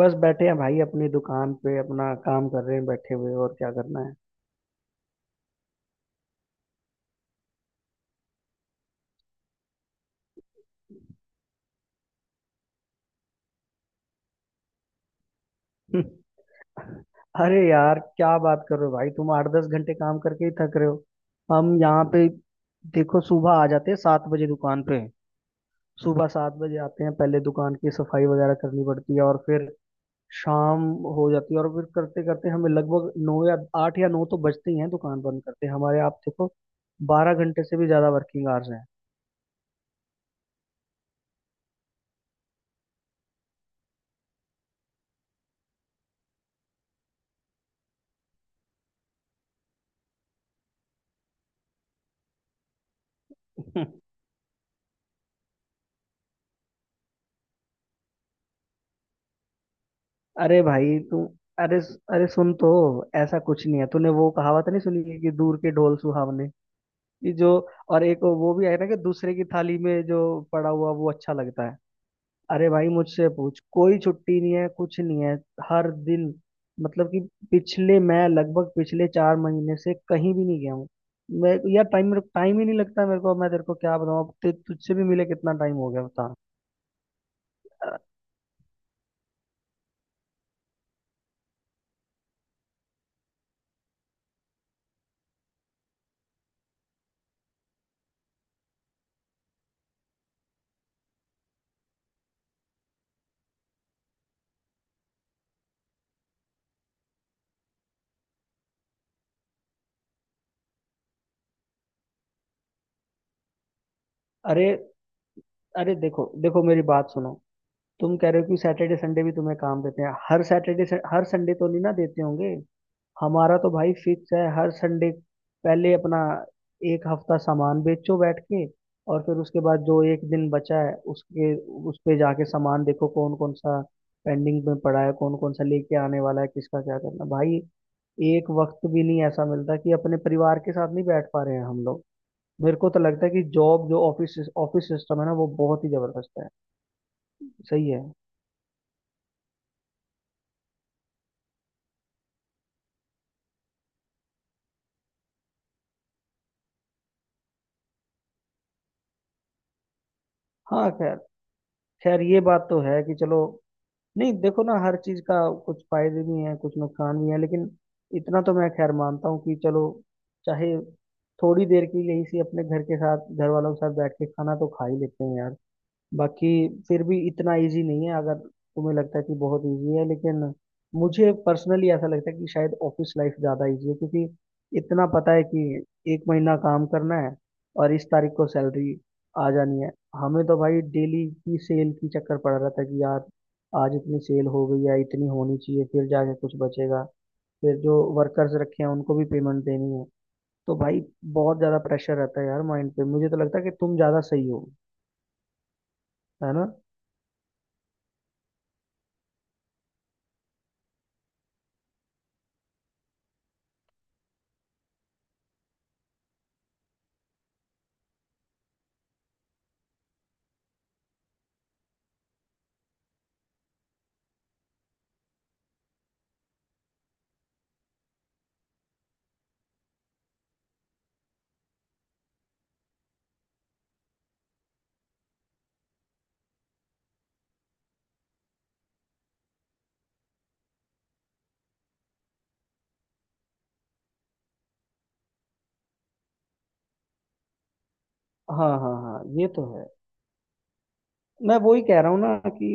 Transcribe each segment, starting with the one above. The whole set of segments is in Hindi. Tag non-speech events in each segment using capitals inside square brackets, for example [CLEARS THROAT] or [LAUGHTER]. बस बैठे हैं भाई। अपनी दुकान पे अपना काम कर रहे हैं, बैठे हुए, और क्या करना है? [LAUGHS] अरे यार, क्या बात कर रहे हो भाई? तुम 8-10 घंटे काम करके ही थक रहे हो? हम यहाँ पे देखो, सुबह आ जाते हैं 7 बजे दुकान पे। सुबह 7 बजे आते हैं, पहले दुकान की सफाई वगैरह करनी पड़ती है, और फिर शाम हो जाती है। और फिर करते करते हमें लगभग नौ या आठ या नौ तो बजते ही हैं दुकान बंद करते। हमारे आप देखो 12 घंटे से भी ज्यादा वर्किंग आवर्स हैं। [LAUGHS] अरे भाई तू अरे अरे सुन तो, ऐसा कुछ नहीं है। तूने वो कहावत नहीं सुनी है कि दूर के ढोल सुहावने? कि जो, और एक वो भी है ना कि दूसरे की थाली में जो पड़ा हुआ वो अच्छा लगता है। अरे भाई मुझसे पूछ, कोई छुट्टी नहीं है, कुछ नहीं है। हर दिन मतलब कि पिछले, मैं लगभग पिछले 4 महीने से कहीं भी नहीं गया हूँ। मैं यार टाइम टाइम ही नहीं लगता मेरे को। मैं तेरे को क्या बताऊँ, अब तुझसे भी मिले कितना टाइम हो गया बता। अ- अरे, अरे देखो देखो मेरी बात सुनो। तुम कह रहे हो कि सैटरडे संडे भी तुम्हें काम देते हैं? हर सैटरडे हर संडे तो नहीं ना देते होंगे। हमारा तो भाई फिक्स है हर संडे। पहले अपना एक हफ्ता सामान बेचो बैठ के, और फिर उसके बाद जो एक दिन बचा है उसके, उस पे जाके सामान देखो कौन कौन सा पेंडिंग में पड़ा है, कौन कौन सा लेके आने वाला है, किसका क्या करना भाई। एक वक्त भी नहीं ऐसा मिलता, कि अपने परिवार के साथ नहीं बैठ पा रहे हैं हम लोग। मेरे को तो लगता है कि जॉब जो ऑफिस ऑफिस सिस्टम है ना वो बहुत ही जबरदस्त है। सही है। हाँ खैर, खैर ये बात तो है कि चलो। नहीं, देखो ना हर चीज का कुछ फायदे भी हैं कुछ नुकसान भी हैं, लेकिन इतना तो मैं खैर मानता हूँ कि चलो, चाहे थोड़ी देर के लिए इसी अपने घर के साथ घर वालों के साथ बैठ के खाना तो खा ही लेते हैं यार। बाकी फिर भी इतना इजी नहीं है, अगर तुम्हें लगता है कि बहुत इजी है, लेकिन मुझे पर्सनली ऐसा लगता है कि शायद ऑफिस लाइफ ज़्यादा इजी है, क्योंकि इतना पता है कि एक महीना काम करना है और इस तारीख को सैलरी आ जानी है। हमें तो भाई डेली की सेल की चक्कर पड़ रहा था कि यार आज इतनी सेल हो गई है, इतनी होनी चाहिए, फिर जाके कुछ बचेगा। फिर जो वर्कर्स रखे हैं उनको भी पेमेंट देनी है। तो भाई बहुत ज़्यादा प्रेशर रहता है यार माइंड पे। मुझे तो लगता है कि तुम ज़्यादा सही हो, है ना? हाँ हाँ हाँ, ये तो है। मैं वही कह रहा हूँ ना कि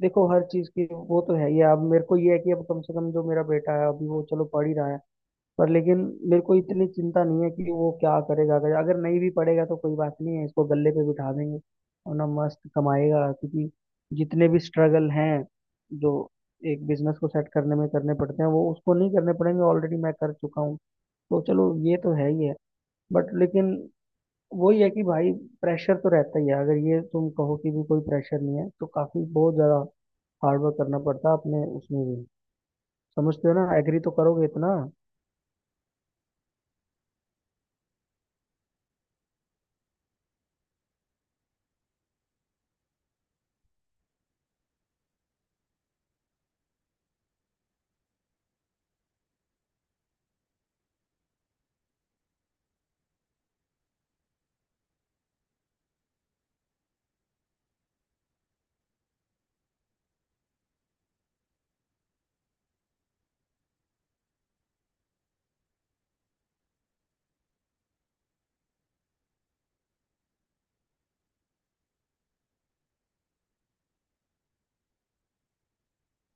देखो हर चीज की वो तो है ही। अब मेरे को ये है कि अब कम से कम जो मेरा बेटा है अभी वो चलो पढ़ ही रहा है। पर लेकिन मेरे को इतनी चिंता नहीं है कि वो क्या करेगा। अगर अगर नहीं भी पढ़ेगा तो कोई बात नहीं है, इसको गले पे बिठा देंगे और ना मस्त कमाएगा, क्योंकि जितने भी स्ट्रगल हैं जो एक बिजनेस को सेट करने में करने पड़ते हैं वो उसको नहीं करने पड़ेंगे, ऑलरेडी मैं कर चुका हूँ। तो चलो ये तो है ही है। बट लेकिन वही है कि भाई प्रेशर तो रहता ही है। अगर ये तुम कहो कि भी कोई प्रेशर नहीं है, तो काफी बहुत ज्यादा हार्ड वर्क करना पड़ता है अपने उसमें भी। समझते हो ना, एग्री तो करोगे इतना?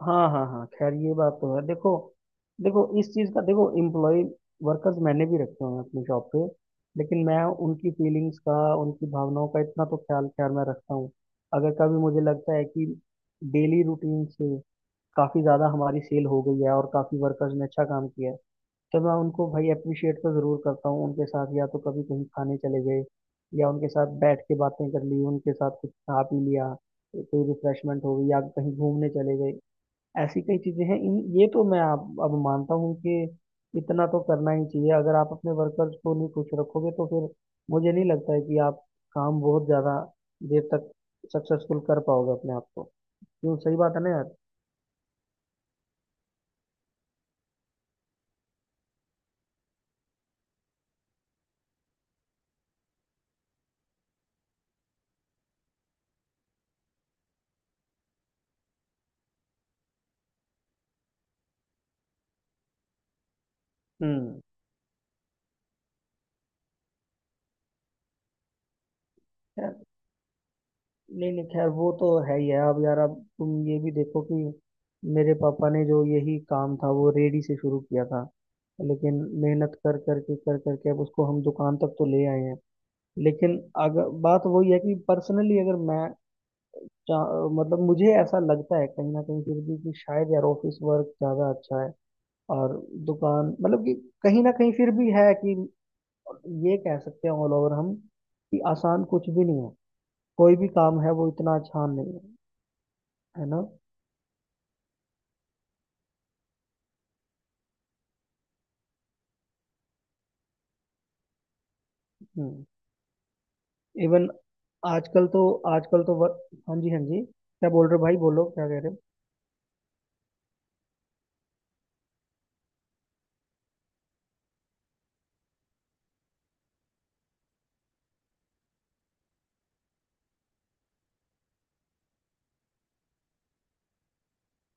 हाँ हाँ हाँ खैर, ये बात तो है। देखो, देखो इस चीज का, देखो एम्प्लॉय वर्कर्स मैंने भी रखे हुए हैं अपनी शॉप पे, लेकिन मैं उनकी फीलिंग्स का उनकी भावनाओं का इतना तो ख्याल खैर मैं रखता हूँ। अगर कभी मुझे लगता है कि डेली रूटीन से काफी ज्यादा हमारी सेल हो गई है और काफी वर्कर्स ने अच्छा काम किया है, तो मैं उनको भाई अप्रिशिएट तो ज़रूर करता हूँ। उनके साथ या तो कभी कहीं खाने चले गए, या उनके साथ बैठ के बातें कर ली, उनके साथ कुछ खा पी लिया, कोई रिफ्रेशमेंट हो गई, या कहीं घूमने चले गए। ऐसी कई चीज़ें हैं इन, ये तो मैं आप अब मानता हूँ कि इतना तो करना ही चाहिए। अगर आप अपने वर्कर्स को नहीं खुश रखोगे तो फिर मुझे नहीं लगता है कि आप काम बहुत ज़्यादा देर तक सक्सेसफुल कर पाओगे अपने आप को। क्यों, सही बात है ना यार? हम्म। नहीं नहीं, खैर वो तो है ही है। अब यार अब तुम ये भी देखो कि मेरे पापा ने जो यही काम था वो रेडी से शुरू किया था, लेकिन मेहनत कर कर के अब उसको हम दुकान तक तो ले आए हैं। लेकिन अगर बात वही है कि पर्सनली अगर मैं मतलब मुझे ऐसा लगता है कहीं ना कहीं फिर भी कि शायद यार ऑफिस वर्क ज़्यादा अच्छा है। और दुकान मतलब कि कहीं ना कहीं फिर भी है कि, ये कह सकते हैं ऑल ओवर हम कि आसान कुछ भी नहीं है। कोई भी काम है वो इतना आसान नहीं है, है ना? हम्म। इवन आजकल तो आजकल तो वर... हाँ जी हाँ जी, क्या बोल रहे हो भाई, बोलो क्या कह रहे हो?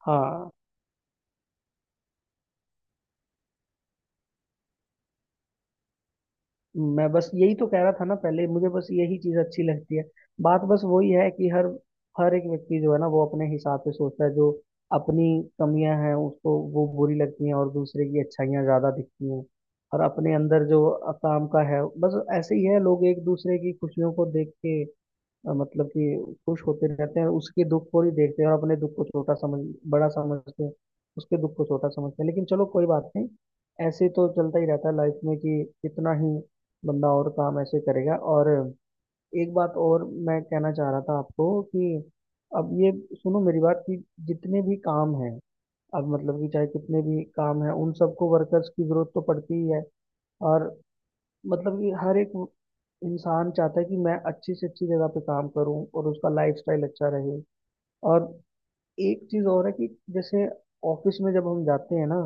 हाँ, मैं बस यही तो कह रहा था ना पहले, मुझे बस यही चीज अच्छी लगती है। बात बस वही है कि हर हर एक व्यक्ति जो है ना वो अपने हिसाब से सोचता है, जो अपनी कमियां हैं उसको वो बुरी लगती हैं और दूसरे की अच्छाइयां ज्यादा दिखती हैं। और अपने अंदर जो काम का है बस ऐसे ही है। लोग एक दूसरे की खुशियों को देख के मतलब कि खुश होते रहते हैं, और उसके दुख को ही देखते हैं, और अपने दुख को छोटा समझ बड़ा समझते हैं, उसके दुख को छोटा समझते हैं। लेकिन चलो कोई बात नहीं, ऐसे तो चलता ही रहता है लाइफ में कि इतना ही बंदा और काम ऐसे करेगा। और एक बात और मैं कहना चाह रहा था आपको कि अब ये सुनो मेरी बात, कि जितने भी काम हैं, अब मतलब कि चाहे कितने भी काम हैं, उन सबको वर्कर्स की जरूरत तो पड़ती ही है। और मतलब कि हर एक इंसान चाहता है कि मैं अच्छी से अच्छी जगह पे काम करूं और उसका लाइफस्टाइल अच्छा रहे। और एक चीज और है कि जैसे ऑफिस में जब हम जाते हैं ना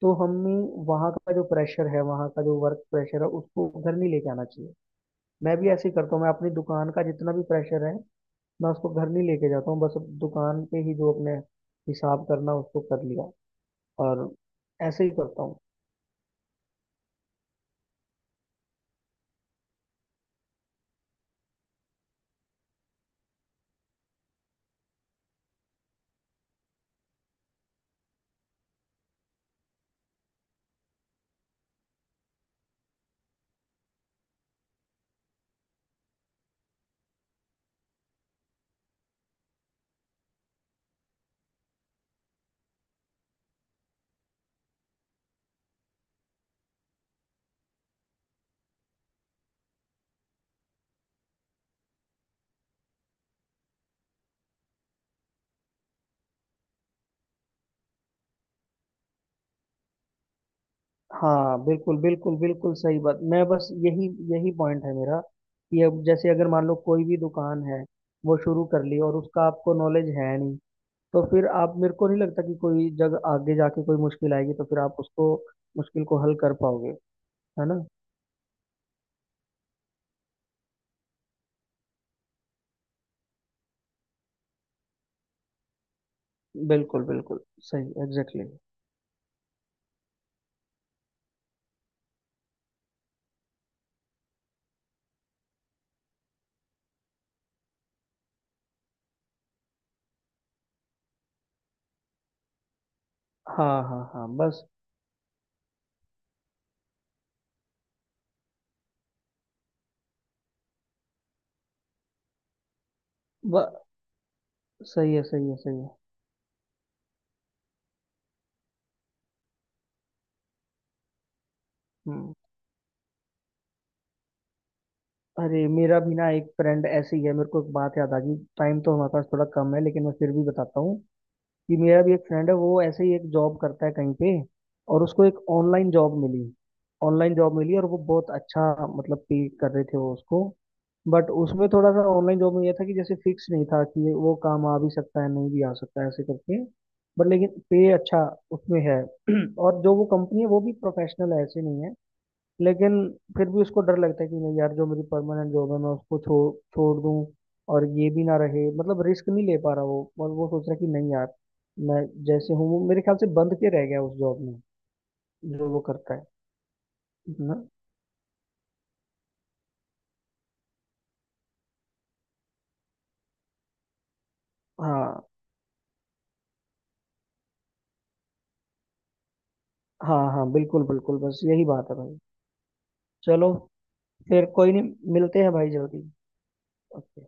तो हमें वहाँ का जो प्रेशर है, वहाँ का जो वर्क प्रेशर है, उसको घर नहीं लेके आना चाहिए। मैं भी ऐसे ही करता हूँ, मैं अपनी दुकान का जितना भी प्रेशर है मैं उसको घर नहीं लेके जाता हूँ। बस दुकान पे ही जो अपने हिसाब करना उसको कर लिया, और ऐसे ही करता हूँ। हाँ बिल्कुल बिल्कुल बिल्कुल सही बात। मैं बस यही, यही पॉइंट है मेरा कि अब जैसे अगर मान लो कोई भी दुकान है वो शुरू कर ली और उसका आपको नॉलेज है नहीं, तो फिर आप, मेरे को नहीं लगता कि कोई जगह आगे जाके कोई मुश्किल आएगी तो फिर आप उसको मुश्किल को हल कर पाओगे। है ना? बिल्कुल बिल्कुल, सही एग्जैक्टली। हाँ हाँ हाँ, बस ब, सही है सही है सही है। हम्म, अरे मेरा भी ना एक फ्रेंड ऐसे ही है, मेरे को एक बात याद आ गई। टाइम तो हमारे पास थोड़ा कम है लेकिन मैं फिर भी बताता हूँ कि मेरा भी एक फ्रेंड है, वो ऐसे ही एक जॉब करता है कहीं पे, और उसको एक ऑनलाइन जॉब मिली। ऑनलाइन जॉब मिली और वो बहुत अच्छा मतलब पे कर रहे थे वो उसको। बट उसमें थोड़ा सा ऑनलाइन जॉब में ये था कि जैसे फिक्स नहीं था कि वो काम आ भी सकता है नहीं भी आ सकता है ऐसे करके। बट लेकिन पे अच्छा उसमें है। [CLEARS THROAT] और जो वो कंपनी है वो भी प्रोफेशनल है, ऐसे नहीं है। लेकिन फिर भी उसको डर लगता है कि नहीं यार जो मेरी परमानेंट जॉब है मैं उसको छोड़ छोड़ दूं और ये भी ना रहे, मतलब रिस्क नहीं ले पा रहा वो। और वो सोच रहा है कि नहीं यार मैं जैसे हूँ वो, मेरे ख्याल से बंद के रह गया उस जॉब में जो वो करता है ना। हाँ हाँ हाँ, बिल्कुल बिल्कुल, बस यही बात है भाई। चलो, फिर कोई नहीं, मिलते हैं भाई जल्दी। ओके।